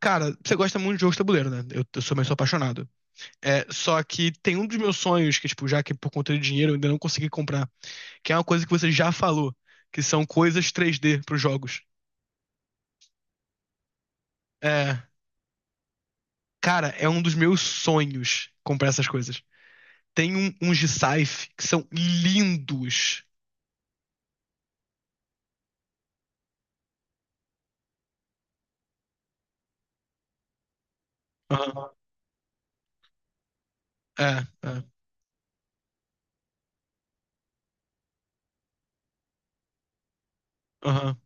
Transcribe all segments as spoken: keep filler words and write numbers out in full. Cara, você gosta muito de jogos de tabuleiro, né? Eu, eu sou meio apaixonado. É, só que tem um dos meus sonhos, que, tipo, já que por conta de dinheiro eu ainda não consegui comprar, que é uma coisa que você já falou, que são coisas três D pros jogos. É, cara, é um dos meus sonhos comprar essas coisas. Tem um, uns de sci que são lindos. Aham. É, é. Aham.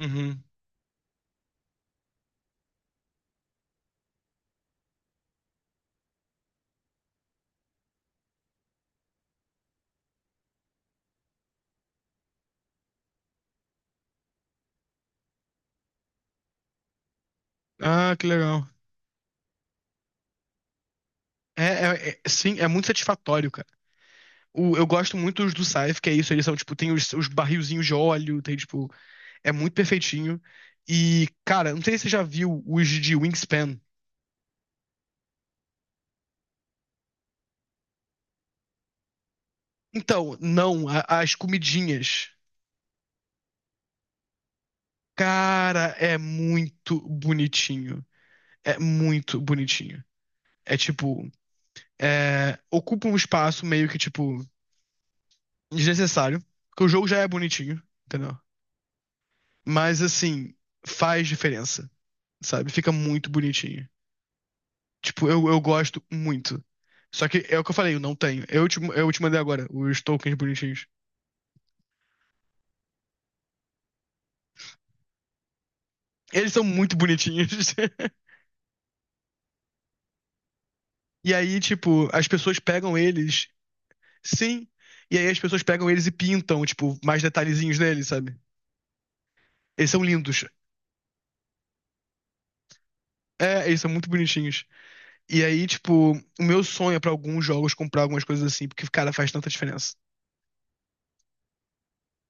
Uhum. Ah, que legal. É, é, é- sim, é muito satisfatório, cara. O- eu gosto muito dos do Scythe, que é isso, eles são, tipo, tem os, os barrilzinhos de óleo, tem, tipo, é muito perfeitinho. E, cara, não sei se você já viu os de Wingspan. Então, não, a- as comidinhas. Cara, é muito bonitinho. É muito bonitinho. É tipo, é, ocupa um espaço meio que, tipo, desnecessário. Porque o jogo já é bonitinho, entendeu? Mas, assim, faz diferença, sabe? Fica muito bonitinho. Tipo, eu, eu gosto muito. Só que é o que eu falei, eu não tenho. Eu te, eu te mandei agora os tokens bonitinhos. Eles são muito bonitinhos. E aí, tipo, as pessoas pegam eles. Sim. E aí as pessoas pegam eles e pintam, tipo, mais detalhezinhos neles, sabe? Eles são lindos. É, eles são muito bonitinhos. E aí, tipo, o meu sonho é pra alguns jogos comprar algumas coisas assim, porque, cara, faz tanta diferença.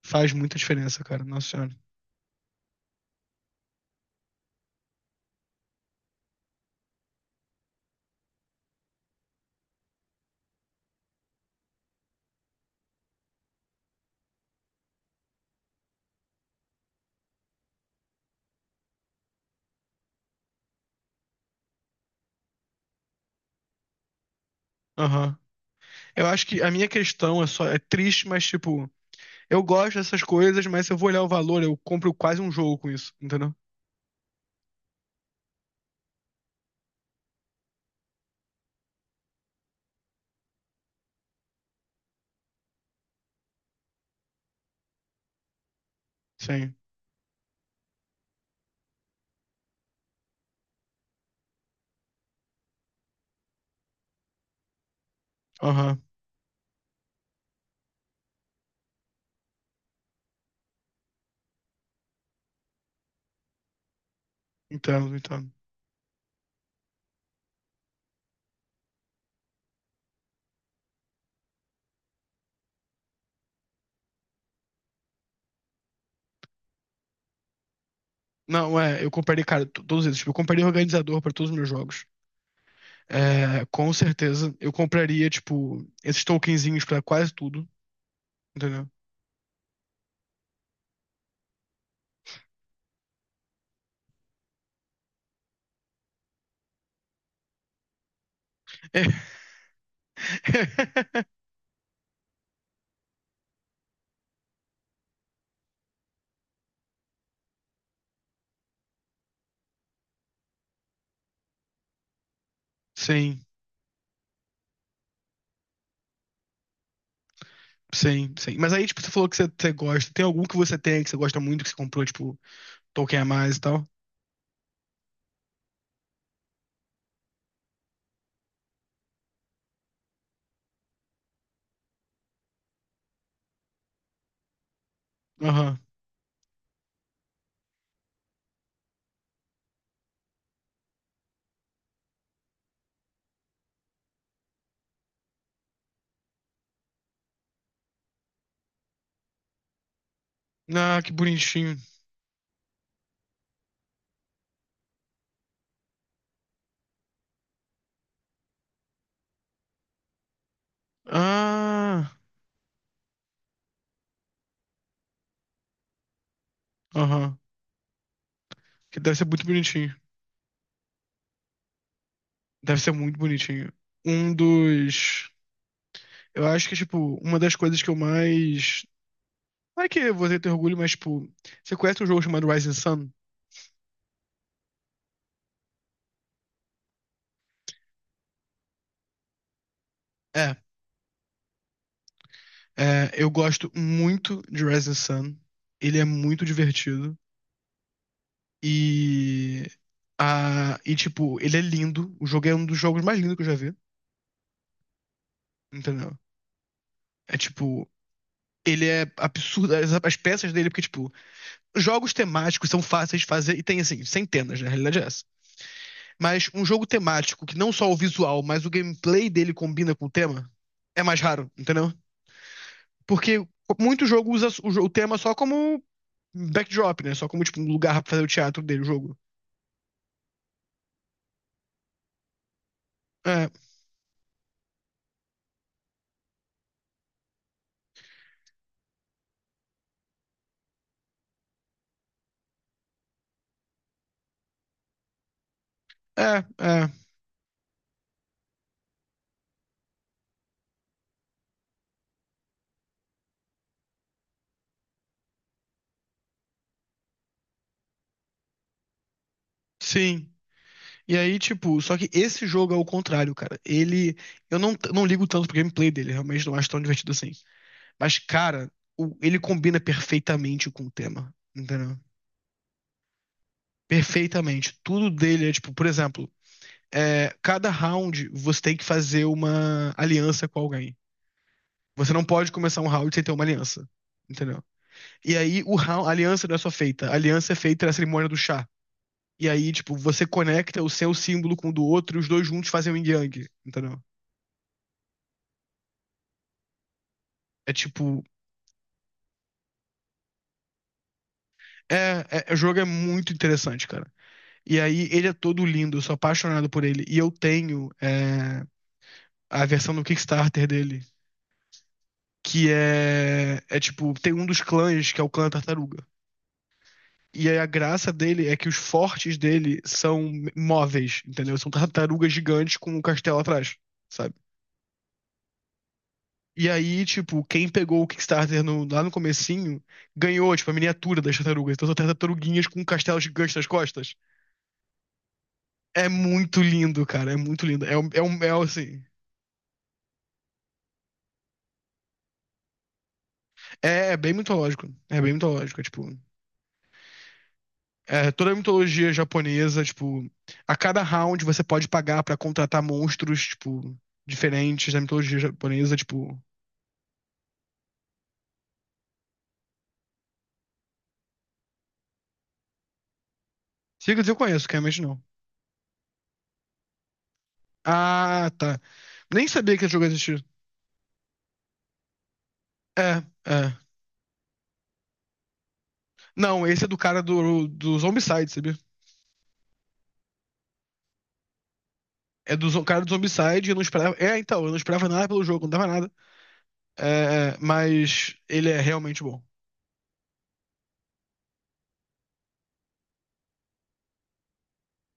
Faz muita diferença, cara. Nossa Senhora. Aham. Eu acho que a minha questão é só, é triste, mas, tipo, eu gosto dessas coisas, mas se eu vou olhar o valor, eu compro quase um jogo com isso, entendeu? Sim. Aham. Então, então. Não, é, eu compraria, cara, to- todos eles. Tipo, eu compraria organizador pra todos os meus jogos. É, com certeza. Eu compraria, tipo, esses tokenzinhos pra quase tudo, entendeu? É. Sim, sim, sim. Mas aí, tipo, você falou que você, você gosta. Tem algum que você tem, que você gosta muito, que você comprou, tipo, token a mais e tal? Aham. Ah, que bonitinho. Ah, aham. Que deve ser muito bonitinho. Deve ser muito bonitinho. Um dos. Eu acho que, tipo, uma das coisas que eu mais. Não é que você tem orgulho, mas, tipo, você conhece um jogo chamado Rising Sun? É. É, eu gosto muito de Rising Sun. Ele é muito divertido. E. A, e, tipo, ele é lindo. O jogo é um dos jogos mais lindos que eu já vi. Entendeu? É tipo. Ele é absurdo. As, as peças dele, porque, tipo, jogos temáticos são fáceis de fazer. E tem, assim, centenas, na realidade é essa. Mas um jogo temático que não só o visual, mas o gameplay dele combina com o tema, é mais raro, entendeu? Porque muito jogo usa o, jo- o tema só como backdrop, né? Só como, tipo, um lugar pra fazer o teatro dele, o jogo. É, é, é, sim. E aí, tipo, só que esse jogo é o contrário, cara. Ele. Eu não, não ligo tanto pro gameplay dele, realmente não acho tão divertido assim. Mas, cara, o- ele combina perfeitamente com o tema, entendeu? Perfeitamente. Tudo dele é, tipo, por exemplo, é, cada round você tem que fazer uma aliança com alguém. Você não pode começar um round sem ter uma aliança, entendeu? E aí o round, a aliança não é só feita, a aliança é feita na cerimônia do chá. E aí, tipo, você conecta o seu símbolo com o do outro e os dois juntos fazem o yin yang, entendeu? É tipo, é, é, o jogo é muito interessante, cara. E aí ele é todo lindo, eu sou apaixonado por ele. E eu tenho é, a versão do Kickstarter dele, que é, é tipo, tem um dos clãs que é o clã tartaruga. E aí a graça dele é que os fortes dele são móveis, entendeu? São tartarugas gigantes com um castelo atrás, sabe? E aí, tipo, quem pegou o Kickstarter no- lá no comecinho ganhou, tipo, a miniatura das tartarugas. Então são tartaruguinhas com um castelo gigante nas costas. É muito lindo, cara. É muito lindo. É um, é um, é, um, assim, é é bem mitológico. É bem mitológico, é, tipo. É, toda a mitologia japonesa, tipo, a cada round você pode pagar pra contratar monstros, tipo, diferentes da mitologia japonesa, tipo. Secrets eu conheço, que realmente não. Ah, tá. Nem sabia que esse jogo existia. É, é. Não, esse é do cara do, do Zombicide, sabia? É do zo- cara do Zombicide, eu não esperava. É, então, eu não esperava nada pelo jogo, não dava nada. É, mas ele é realmente bom.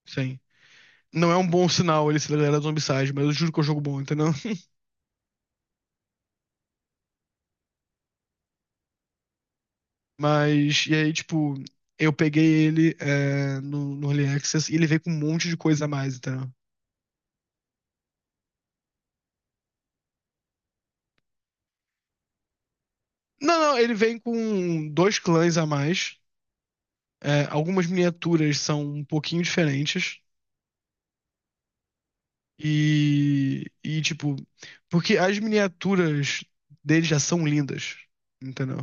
Sim. Não é um bom sinal ele ser da galera do Zombicide, mas eu juro que é um jogo bom, entendeu? Mas, e aí, tipo, eu peguei ele é, no, no Early Access e ele veio com um monte de coisa a mais, entendeu? Não, não, ele vem com dois clãs a mais. É, algumas miniaturas são um pouquinho diferentes. E, e, tipo, porque as miniaturas dele já são lindas, entendeu?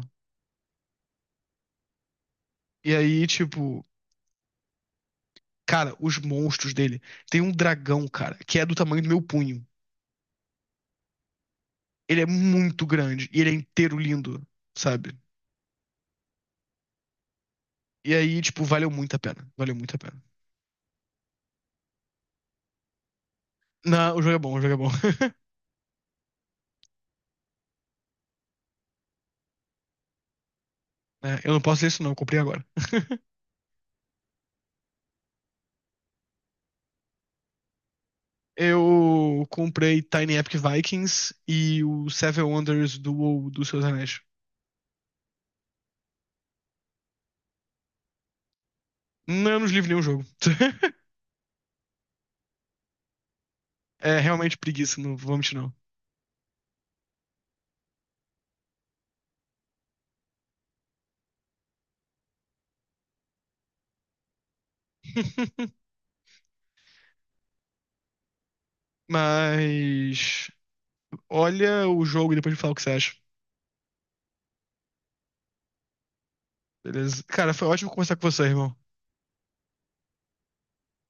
E aí, tipo, cara, os monstros dele. Tem um dragão, cara, que é do tamanho do meu punho. Ele é muito grande e ele é inteiro lindo, sabe? E aí, tipo, valeu muito a pena. Valeu muito a pena. Não, o jogo é bom, o jogo é bom. É, eu não posso dizer isso, não, eu comprei agora. Eu comprei Tiny Epic Vikings e o Seven Wonders do, WoW, do Seus Anéis. Não, eu não livro nenhum jogo. É realmente preguiça, não vou mentir não. Mas olha o jogo e depois me fala o que você acha. Beleza? Cara, foi ótimo conversar com você, irmão.